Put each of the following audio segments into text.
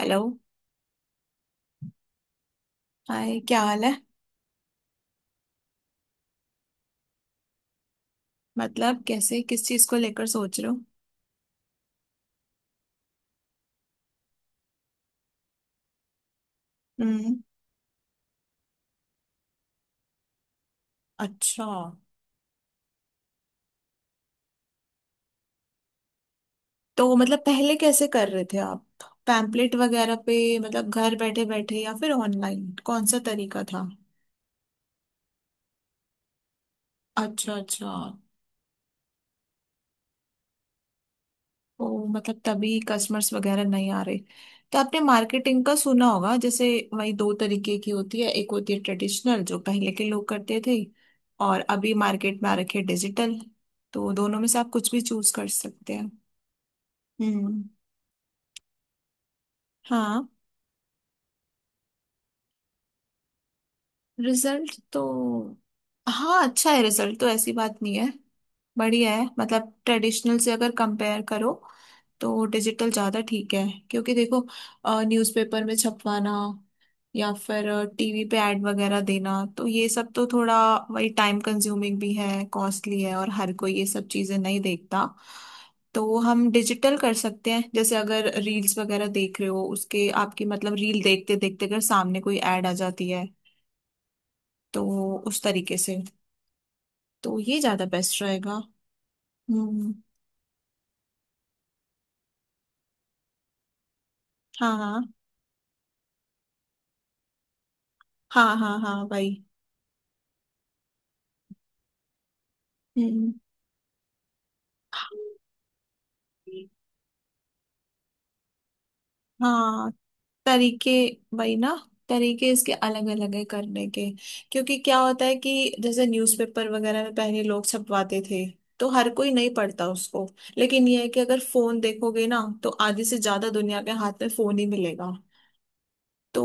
Hello. Hi, क्या हाल है? मतलब कैसे, किस चीज को लेकर सोच रहे हो? हम्म, अच्छा। तो मतलब पहले कैसे कर रहे थे आप? पैम्पलेट वगैरह पे, मतलब घर बैठे बैठे, या फिर ऑनलाइन? कौन सा तरीका था? अच्छा अच्छा। ओ, मतलब तभी कस्टमर्स वगैरह नहीं आ रहे। तो आपने मार्केटिंग का सुना होगा, जैसे वही दो तरीके की होती है। एक होती है ट्रेडिशनल, जो पहले के लोग करते थे, और अभी मार्केट में आ रखी है डिजिटल। तो दोनों में से आप कुछ भी चूज कर सकते हैं। हम्म, हाँ। रिजल्ट तो, हाँ, अच्छा है। रिजल्ट तो ऐसी बात नहीं है, बढ़िया है। मतलब ट्रेडिशनल से अगर कंपेयर करो तो डिजिटल ज़्यादा ठीक है, क्योंकि देखो, न्यूज़पेपर में छपवाना या फिर टीवी पे ऐड वगैरह देना, तो ये सब तो थोड़ा वही टाइम कंज्यूमिंग भी है, कॉस्टली है, और हर कोई ये सब चीज़ें नहीं देखता। तो हम डिजिटल कर सकते हैं। जैसे अगर रील्स वगैरह देख रहे हो, उसके आपकी मतलब रील देखते देखते अगर सामने कोई ऐड आ जाती है, तो उस तरीके से, तो ये ज्यादा बेस्ट रहेगा। हम्म, हाँ हाँ हाँ। हाँ हाँ वही। हम्म, हाँ। तरीके, वही ना, तरीके इसके अलग अलग है करने के। क्योंकि क्या होता है कि जैसे न्यूज़पेपर वगैरह में पहले लोग छपवाते थे, तो हर कोई नहीं पढ़ता उसको। लेकिन ये है कि अगर फोन देखोगे ना, तो आधे से ज्यादा दुनिया के हाथ में फोन ही मिलेगा। तो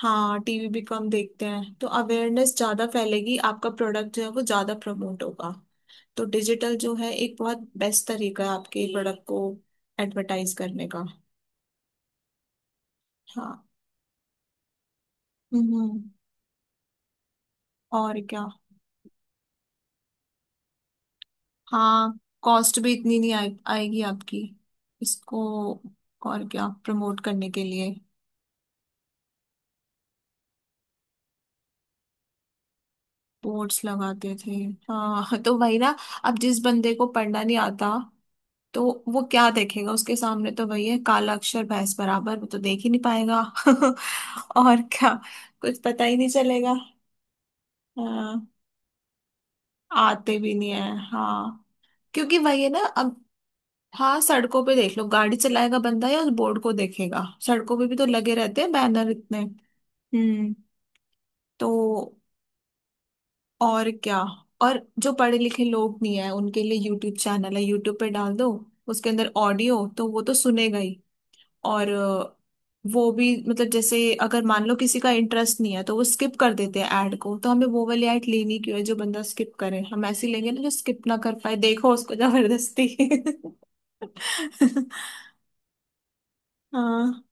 हाँ, टीवी भी कम देखते हैं, तो अवेयरनेस ज्यादा फैलेगी, आपका प्रोडक्ट जो है वो ज्यादा प्रमोट होगा। तो डिजिटल जो है एक बहुत बेस्ट तरीका है आपके प्रोडक्ट को एडवर्टाइज करने का। हाँ, हम्म, और क्या। हाँ, कॉस्ट भी इतनी नहीं आए, आएगी आपकी इसको और क्या प्रमोट करने के लिए। बोर्ड्स लगाते थे। हाँ, तो वही ना। अब जिस बंदे को पढ़ना नहीं आता, तो वो क्या देखेगा? उसके सामने तो वही है, काला अक्षर भैंस बराबर, वो तो देख ही नहीं पाएगा। और क्या। कुछ पता ही नहीं चलेगा। हाँ, आते भी नहीं है, हाँ। क्योंकि वही है ना, अब हाँ सड़कों पे देख लो, गाड़ी चलाएगा बंदा या उस बोर्ड को देखेगा? सड़कों पे भी तो लगे रहते हैं बैनर इतने। हम्म। तो और क्या। और जो पढ़े लिखे लोग नहीं है, उनके लिए यूट्यूब चैनल है, यूट्यूब पे डाल दो। उसके अंदर ऑडियो तो वो तो सुनेगा ही। और अ, वो भी मतलब जैसे, अगर मान लो किसी का इंटरेस्ट नहीं है तो वो स्किप कर देते हैं ऐड को, तो हमें वो वाली ऐड लेनी क्यों है जो बंदा स्किप करे? हम ऐसी लेंगे ना जो स्किप ना कर पाए, देखो, उसको जबरदस्ती। हाँ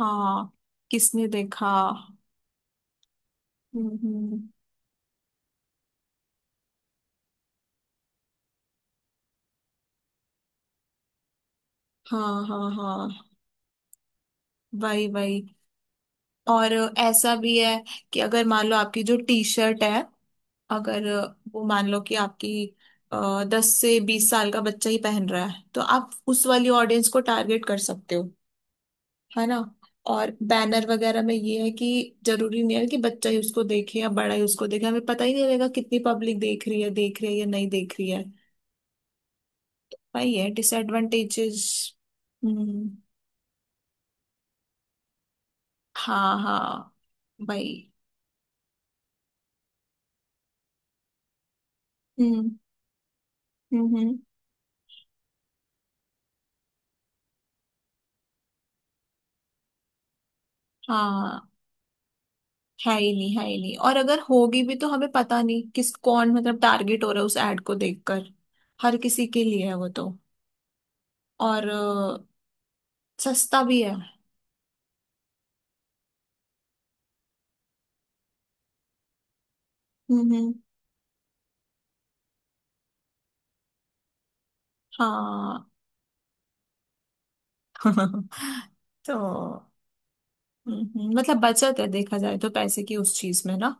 हाँ, किसने देखा। हम्म हम्म, हाँ हाँ हाँ, वही वही। और ऐसा भी है कि अगर मान लो आपकी जो टी शर्ट है, अगर वो मान लो कि आपकी 10 से 20 साल का बच्चा ही पहन रहा है, तो आप उस वाली ऑडियंस को टारगेट कर सकते हो, है ना। और बैनर वगैरह में ये है कि जरूरी नहीं है कि बच्चा ही उसको देखे या बड़ा ही उसको देखे। हमें पता ही नहीं लगेगा कितनी पब्लिक देख रही है, देख रही है या नहीं देख रही है। वही है डिसएडवांटेजेस। हम्म, हाँ हाँ, भाई। हम्म हम्म हम्म, हाँ, है ही नहीं, है ही नहीं। और अगर होगी भी तो हमें पता नहीं किस, कौन मतलब टारगेट हो रहा है उस एड को देखकर। हर किसी के लिए है वो तो। और अ, सस्ता भी है। हम्म हम्म, हाँ। तो मतलब बचत है, देखा जाए तो पैसे की, उस चीज में ना।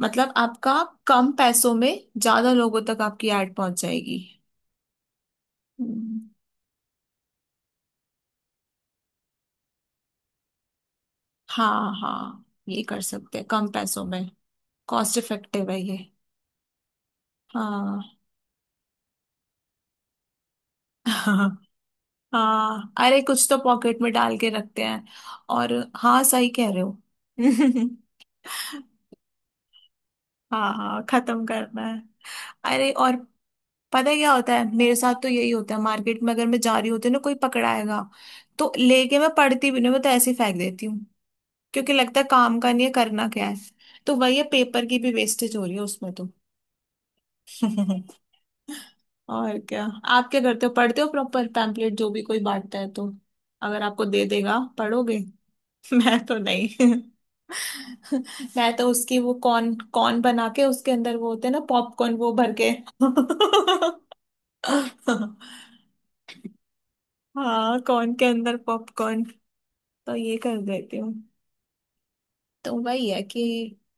मतलब आपका कम पैसों में ज्यादा लोगों तक आपकी एड पहुंच जाएगी। हम्म, हाँ हाँ, ये कर सकते हैं कम पैसों में। कॉस्ट इफेक्टिव है ये। हाँ। हाँ, अरे कुछ तो पॉकेट में डाल के रखते हैं। और हाँ, सही कह रहे हो। हाँ हाँ, खत्म करना है। अरे, और पता है क्या होता है, मेरे साथ तो यही होता है, मार्केट में अगर मैं जा रही होती हूँ ना, कोई पकड़ाएगा तो लेके मैं पढ़ती भी नहीं, मैं तो ऐसे ही फेंक देती हूँ। क्योंकि लगता है काम का नहीं है, करना क्या है। तो वही है, पेपर की भी वेस्टेज हो रही है उसमें तो। और क्या। आप क्या करते हो, पढ़ते हो प्रॉपर पैम्पलेट जो भी कोई बांटता है तो? अगर आपको दे देगा, पढ़ोगे? मैं तो नहीं। मैं तो उसकी वो कॉर्न कॉर्न बना के, उसके अंदर वो होते हैं ना पॉपकॉर्न, वो भर के। हाँ, कॉर्न के अंदर पॉपकॉर्न। तो ये कर देती हूँ। तो वही है कि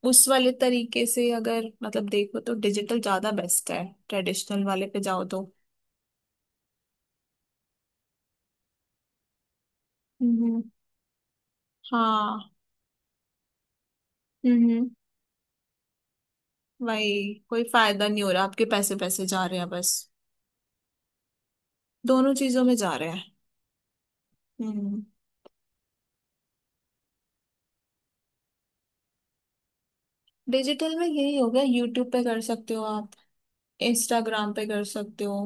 उस वाले तरीके से अगर मतलब देखो तो डिजिटल ज्यादा बेस्ट है। ट्रेडिशनल वाले पे जाओ तो, हम्म। हाँ। हम्म, वही, कोई फायदा नहीं हो रहा, आपके पैसे पैसे जा रहे हैं बस। दोनों चीजों में जा रहे हैं। हम्म। डिजिटल में यही हो गया, यूट्यूब पे कर सकते हो आप, इंस्टाग्राम पे कर सकते हो,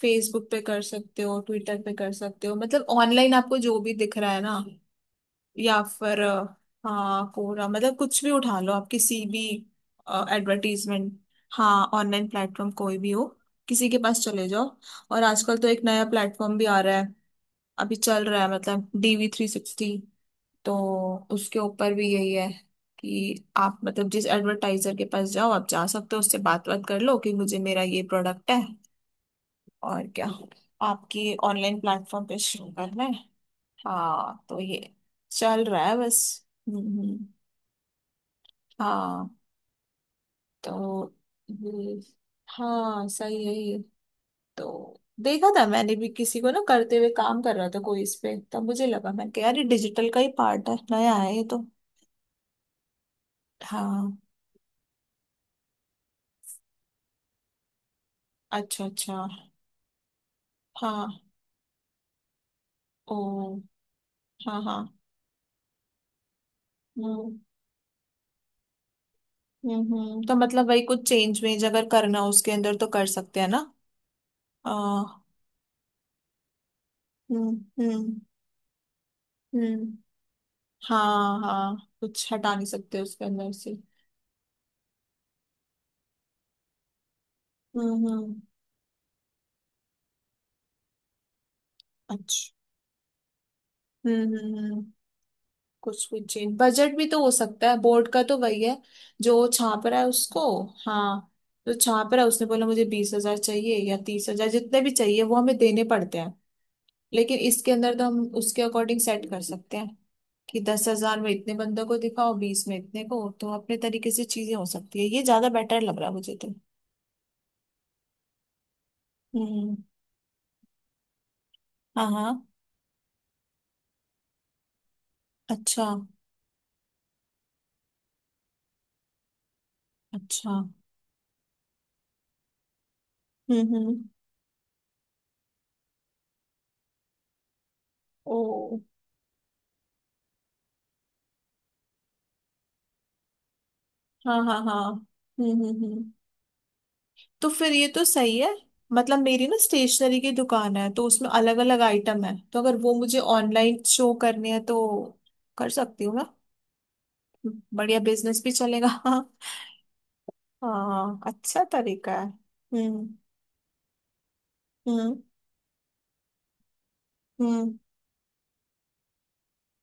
फेसबुक पे कर सकते हो, ट्विटर पे कर सकते हो, मतलब ऑनलाइन आपको जो भी दिख रहा है ना। या फिर अ, हाँ, कोरा मतलब कुछ भी उठा लो आप किसी भी एडवर्टीजमेंट। हाँ, ऑनलाइन प्लेटफॉर्म कोई भी हो, किसी के पास चले जाओ। और आजकल तो एक नया प्लेटफॉर्म भी आ रहा है, अभी चल रहा है, मतलब DV360। तो उसके ऊपर भी यही है कि आप मतलब जिस एडवर्टाइजर के पास जाओ, आप जा सकते हो, उससे बात बात कर लो कि मुझे मेरा ये प्रोडक्ट है, और क्या, आपकी ऑनलाइन प्लेटफॉर्म पे शुरू करना है। हाँ तो ये चल रहा है बस। हम्म हम्म, हाँ तो ये। हाँ सही है ये। तो देखा था मैंने भी किसी को ना, करते हुए काम कर रहा था कोई इस पे, तब मुझे लगा मैं यार ये डिजिटल का ही पार्ट है, नया है ये तो। हाँ। अच्छा अच्छा। हाँ। ओ। हाँ हाँ। हम्म तो मतलब वही कुछ चेंज वेंज अगर करना हो उसके अंदर तो कर सकते हैं ना। आ, हम्म हम्म हम्म। हाँ हाँ, कुछ हटा नहीं सकते उसके अंदर से। हम्म। अच्छा, हम्म हम्म हम्म, कुछ कुछ चेंज, बजट भी तो हो सकता है, बोर्ड का तो वही है, जो छाप रहा है उसको। हाँ, जो छाप रहा है उसने बोला मुझे 20 हजार चाहिए या 30 हजार, जितने भी चाहिए वो हमें देने पड़ते हैं। लेकिन इसके अंदर तो हम उसके अकॉर्डिंग सेट कर सकते हैं कि 10 हजार में इतने बंदों को दिखाओ, 20 में इतने को, तो अपने तरीके से चीजें हो सकती है। ये ज्यादा बेटर लग रहा है मुझे तो। हम्म। हाँ हाँ। अच्छा अच्छा। हम्म। ओ। हाँ हाँ हाँ। हम्म। तो फिर ये तो सही है। मतलब मेरी ना स्टेशनरी की दुकान है, तो उसमें अलग अलग आइटम है, तो अगर वो मुझे ऑनलाइन शो करने हैं, तो कर सकती हूँ ना। बढ़िया, बिजनेस भी चलेगा। हाँ, अच्छा तरीका है। हम्म हम्म हम्म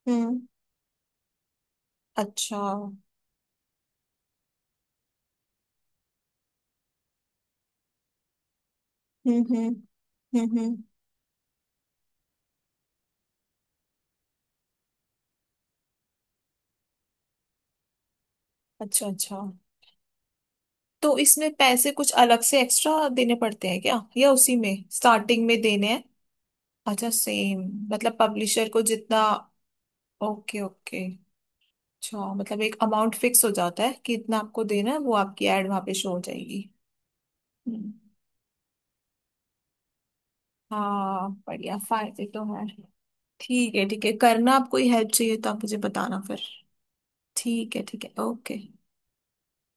हम्म। अच्छा, हम्म हम्म। अच्छा अच्छा। तो इसमें पैसे कुछ अलग से एक्स्ट्रा देने पड़ते हैं क्या, या उसी में स्टार्टिंग में देने हैं? अच्छा, सेम। मतलब पब्लिशर को जितना। Okay okay. अच्छा, मतलब एक अमाउंट फिक्स हो जाता है कि इतना आपको देना है, वो आपकी एड वहां पे शो हो जाएगी। हम्म, हाँ, बढ़िया, फायदे तो है। ठीक है ठीक है, करना, आपको हेल्प चाहिए तो आप मुझे बताना फिर। ठीक है ठीक है, ओके।